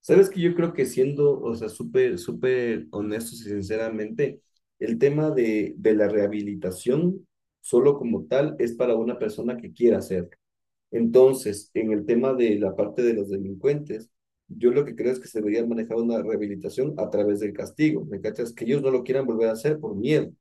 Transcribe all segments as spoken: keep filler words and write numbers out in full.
Sabes que yo creo que siendo, o sea, súper, súper honestos y sinceramente, el tema de, de la rehabilitación solo como tal es para una persona que quiera hacer. Entonces, en el tema de la parte de los delincuentes, yo lo que creo es que se debería manejar una rehabilitación a través del castigo. ¿Me cachas? Que ellos no lo quieran volver a hacer por miedo.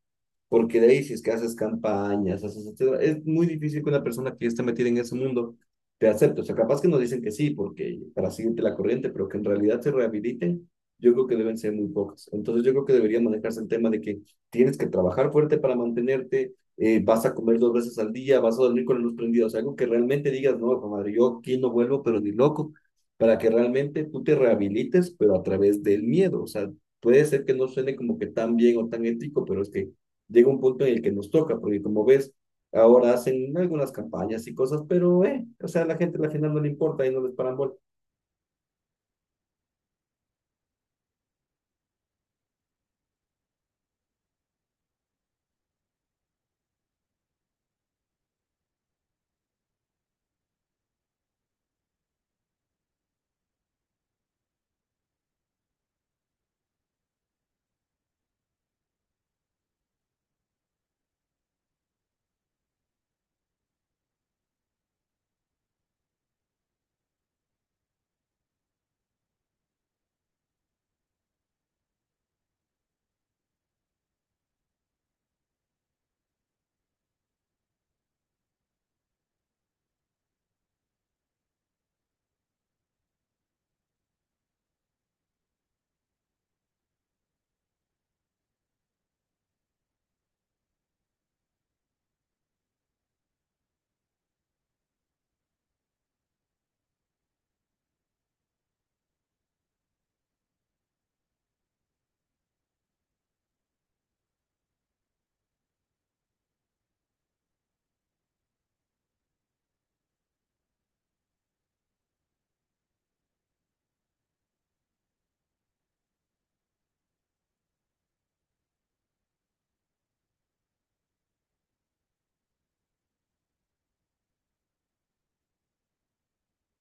Porque de ahí, si es que haces campañas, haces, etcétera, es muy difícil que una persona que ya está metida en ese mundo te acepte. O sea, capaz que nos dicen que sí, porque para seguirte la corriente, pero que en realidad se rehabiliten, yo creo que deben ser muy pocas. Entonces, yo creo que debería manejarse el tema de que tienes que trabajar fuerte para mantenerte, eh, vas a comer dos veces al día, vas a dormir con la luz prendida. O sea, algo que realmente digas, no, madre, yo aquí no vuelvo, pero ni loco, para que realmente tú te rehabilites, pero a través del miedo. O sea, puede ser que no suene como que tan bien o tan ético, pero es que llega un punto en el que nos toca, porque como ves, ahora hacen algunas campañas y cosas, pero, eh, o sea, a la gente al final no le importa y no les paran bola.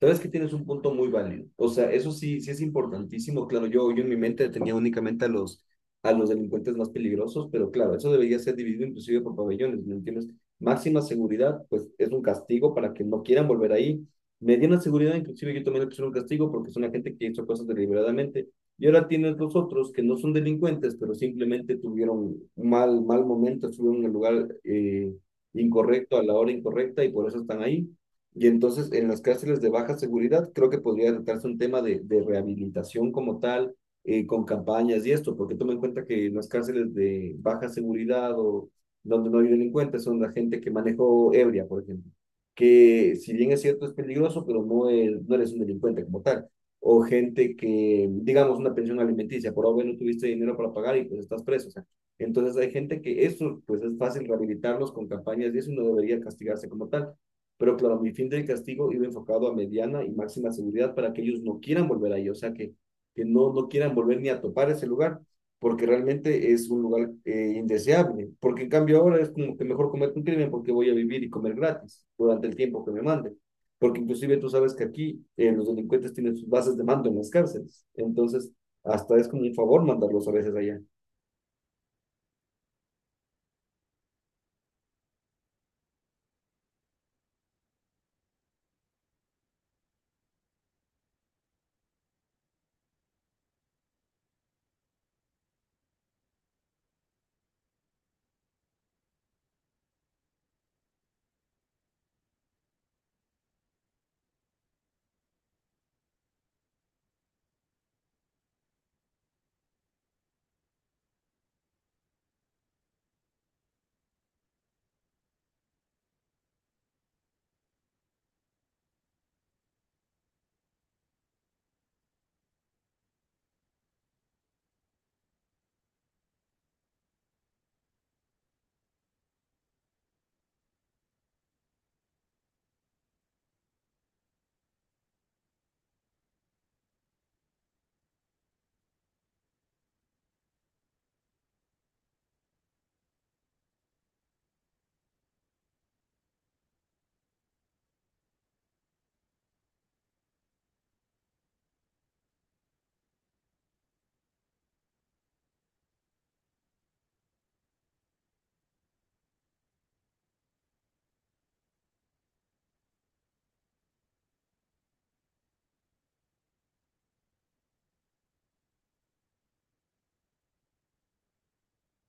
Sabes que tienes un punto muy válido. O sea, eso sí, sí es importantísimo. Claro, yo, yo en mi mente tenía únicamente a los, a los delincuentes más peligrosos, pero claro, eso debería ser dividido inclusive por pabellones, ¿me entiendes? Máxima seguridad, pues es un castigo para que no quieran volver ahí. Mediana seguridad, inclusive yo también le puse un castigo porque son la gente que hizo cosas deliberadamente. Y ahora tienes los otros que no son delincuentes, pero simplemente tuvieron mal, mal momento, estuvieron en el lugar eh, incorrecto a la hora incorrecta y por eso están ahí. Y entonces en las cárceles de baja seguridad creo que podría tratarse un tema de, de rehabilitación como tal, eh, con campañas y esto, porque toma en cuenta que en las cárceles de baja seguridad o donde no hay delincuentes son la gente que manejó ebria, por ejemplo, que si bien es cierto es peligroso, pero no, es, no eres un delincuente como tal. O gente que, digamos, una pensión alimenticia, por ahora no tuviste dinero para pagar y pues estás preso. O sea, entonces hay gente que eso pues es fácil rehabilitarlos con campañas y eso no debería castigarse como tal, pero claro, mi fin del castigo iba enfocado a mediana y máxima seguridad para que ellos no quieran volver ahí, o sea, que, que no, no quieran volver ni a topar ese lugar, porque realmente es un lugar eh, indeseable. Porque en cambio ahora es como que mejor comer un crimen porque voy a vivir y comer gratis durante el tiempo que me manden. Porque inclusive tú sabes que aquí eh, los delincuentes tienen sus bases de mando en las cárceles. Entonces, hasta es como un favor mandarlos a veces allá.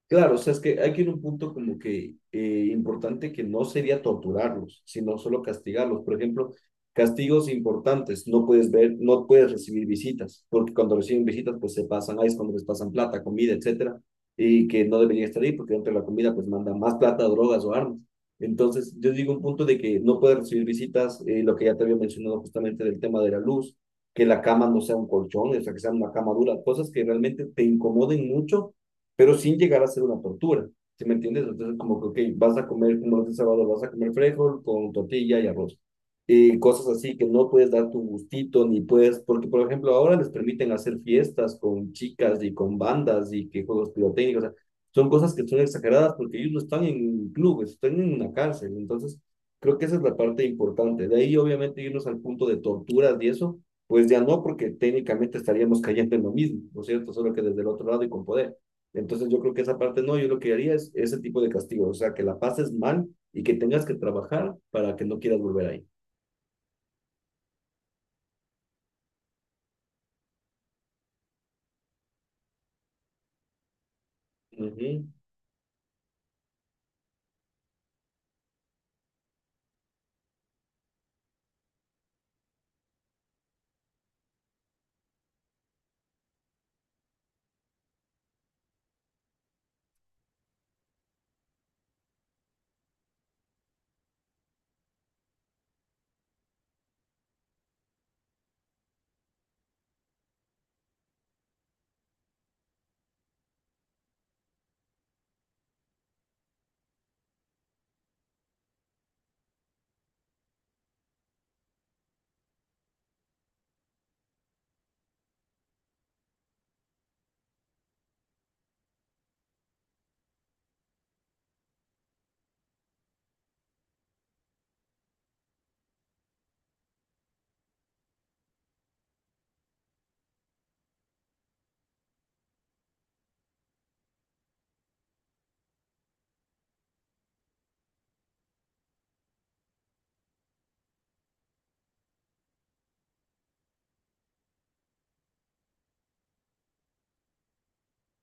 Claro, o sea, es que hay que ir a un punto como que eh, importante que no sería torturarlos, sino solo castigarlos. Por ejemplo, castigos importantes, no puedes ver, no puedes recibir visitas, porque cuando reciben visitas, pues se pasan ahí, es cuando les pasan plata, comida, etcétera, y que no deberían estar ahí, porque dentro de la comida, pues mandan más plata, drogas o armas. Entonces, yo digo un punto de que no puedes recibir visitas, eh, lo que ya te había mencionado justamente del tema de la luz, que la cama no sea un colchón, o sea, que sea una cama dura, cosas que realmente te incomoden mucho pero sin llegar a ser una tortura. ¿Sí me entiendes? Entonces, como que, ok, vas a comer, como los de sábado, vas a comer frijol con tortilla y arroz. Y cosas así que no puedes dar tu gustito, ni puedes, porque por ejemplo, ahora les permiten hacer fiestas con chicas y con bandas y que juegos pirotécnicos, o sea, son cosas que son exageradas porque ellos no están en clubes, están en una cárcel. Entonces, creo que esa es la parte importante. De ahí, obviamente, irnos al punto de torturas y eso, pues ya no, porque técnicamente estaríamos cayendo en lo mismo, ¿no es cierto? Solo que desde el otro lado y con poder. Entonces yo creo que esa parte no, yo lo que haría es ese tipo de castigo, o sea, que la pases mal y que tengas que trabajar para que no quieras volver ahí. Ujú.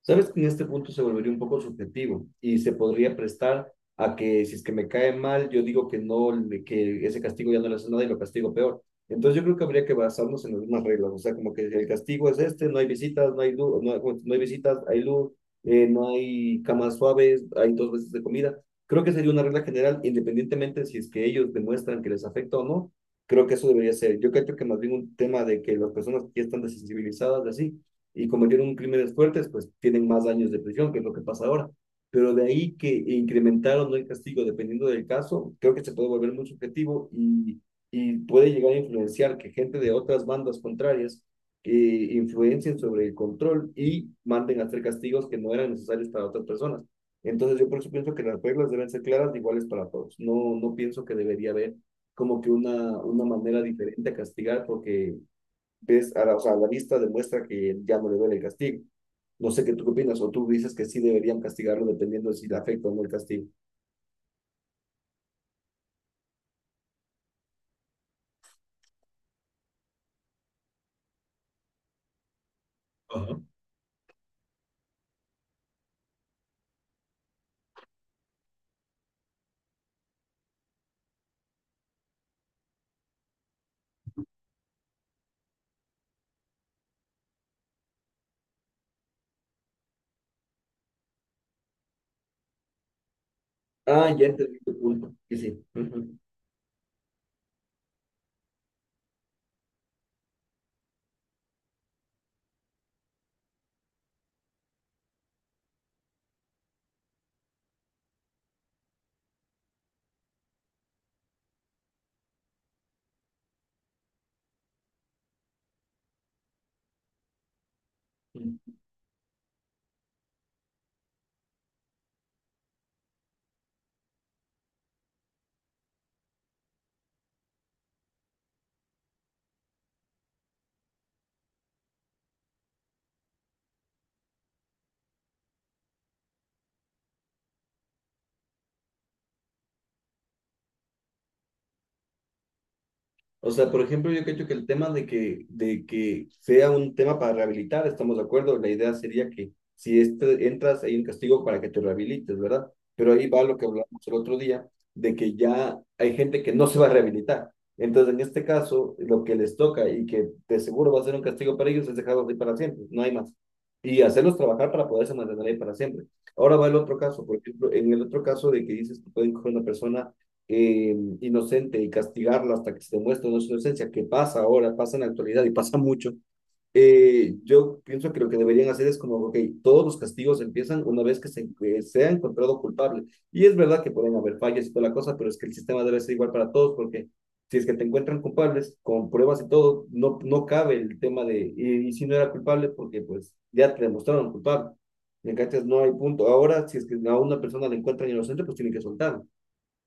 Sabes que en este punto se volvería un poco subjetivo y se podría prestar a que si es que me cae mal, yo digo que no, le- que ese castigo ya no le hace nada y lo castigo peor. Entonces yo creo que habría que basarnos en las mismas reglas, o sea, como que el castigo es este, no hay visitas, no hay luz, no, hay no hay visitas, hay luz, eh, no hay camas suaves, hay dos veces de comida. Creo que sería una regla general, independientemente si es que ellos demuestran que les afecta o no, creo que eso debería ser. Yo creo que más bien un tema de que las personas que ya están desensibilizadas de así y cometieron crímenes fuertes, pues tienen más años de prisión, que es lo que pasa ahora. Pero de ahí que incrementaron el castigo dependiendo del caso, creo que se puede volver muy subjetivo y, y puede llegar a influenciar que gente de otras bandas contrarias eh, influencien sobre el control y manden a hacer castigos que no eran necesarios para otras personas. Entonces yo por eso pienso que las reglas deben ser claras, iguales para todos. No, no pienso que debería haber como que una, una manera diferente a castigar porque ves, a la, o sea, la vista demuestra que ya no le duele el castigo. No sé qué tú qué opinas, o tú dices que sí deberían castigarlo dependiendo de si le afecta o no el castigo. Ajá. Ah, ya entendí tu punto. Sí, sí. Ujú. O sea, por ejemplo, yo creo que el tema de que, de que sea un tema para rehabilitar, estamos de acuerdo, la idea sería que si este- entras hay un castigo para que te rehabilites, ¿verdad? Pero ahí va lo que hablamos el otro día, de que ya hay gente que no se va a rehabilitar. Entonces, en este caso, lo que les toca y que de seguro va a ser un castigo para ellos es dejarlos ahí para siempre, no hay más. Y hacerlos trabajar para poderse mantener ahí para siempre. Ahora va el otro caso, por ejemplo, en el otro caso de que dices que pueden coger una persona eh, inocente y castigarla hasta que se demuestre no su inocencia, que pasa ahora, pasa en la actualidad y pasa mucho, eh, yo pienso que lo que deberían hacer es como, ok, todos los castigos empiezan una vez que se, eh, se ha encontrado culpable. Y es verdad que pueden haber fallas y toda la cosa, pero es que el sistema debe ser igual para todos porque si es que te encuentran culpables, con pruebas y todo, no, no cabe el tema de, y, y si no era culpable, porque pues ya te demostraron culpable. ¿Me cachas? No hay punto. Ahora, si es que a una persona le encuentran inocente, pues tienen que soltar,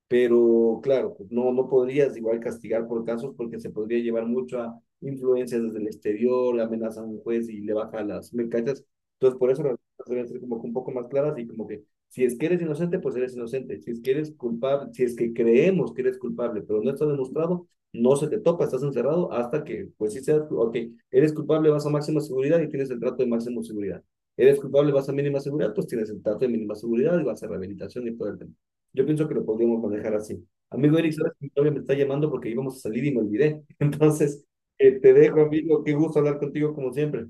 pero claro, pues, no, no podrías igual castigar por casos porque se podría llevar mucho a influencias desde el exterior, amenaza a un juez y le baja las mercancías. Entonces, por eso las cosas deben ser como que un poco más claras y como que si es que eres inocente, pues eres inocente. Si es que eres culpable, si es que creemos que eres culpable, pero no está demostrado, no se te topa, estás encerrado hasta que, pues sí seas, ok, eres culpable, vas a máxima seguridad y tienes el trato de máxima seguridad. Eres culpable, vas a mínima seguridad, pues tienes el trato de mínima seguridad y vas a rehabilitación y todo el tema. Yo pienso que lo podríamos manejar así. Amigo Eric, sabes que mi novia me está llamando porque íbamos a salir y me olvidé. Entonces, eh, te dejo, amigo. Qué gusto hablar contigo como siempre.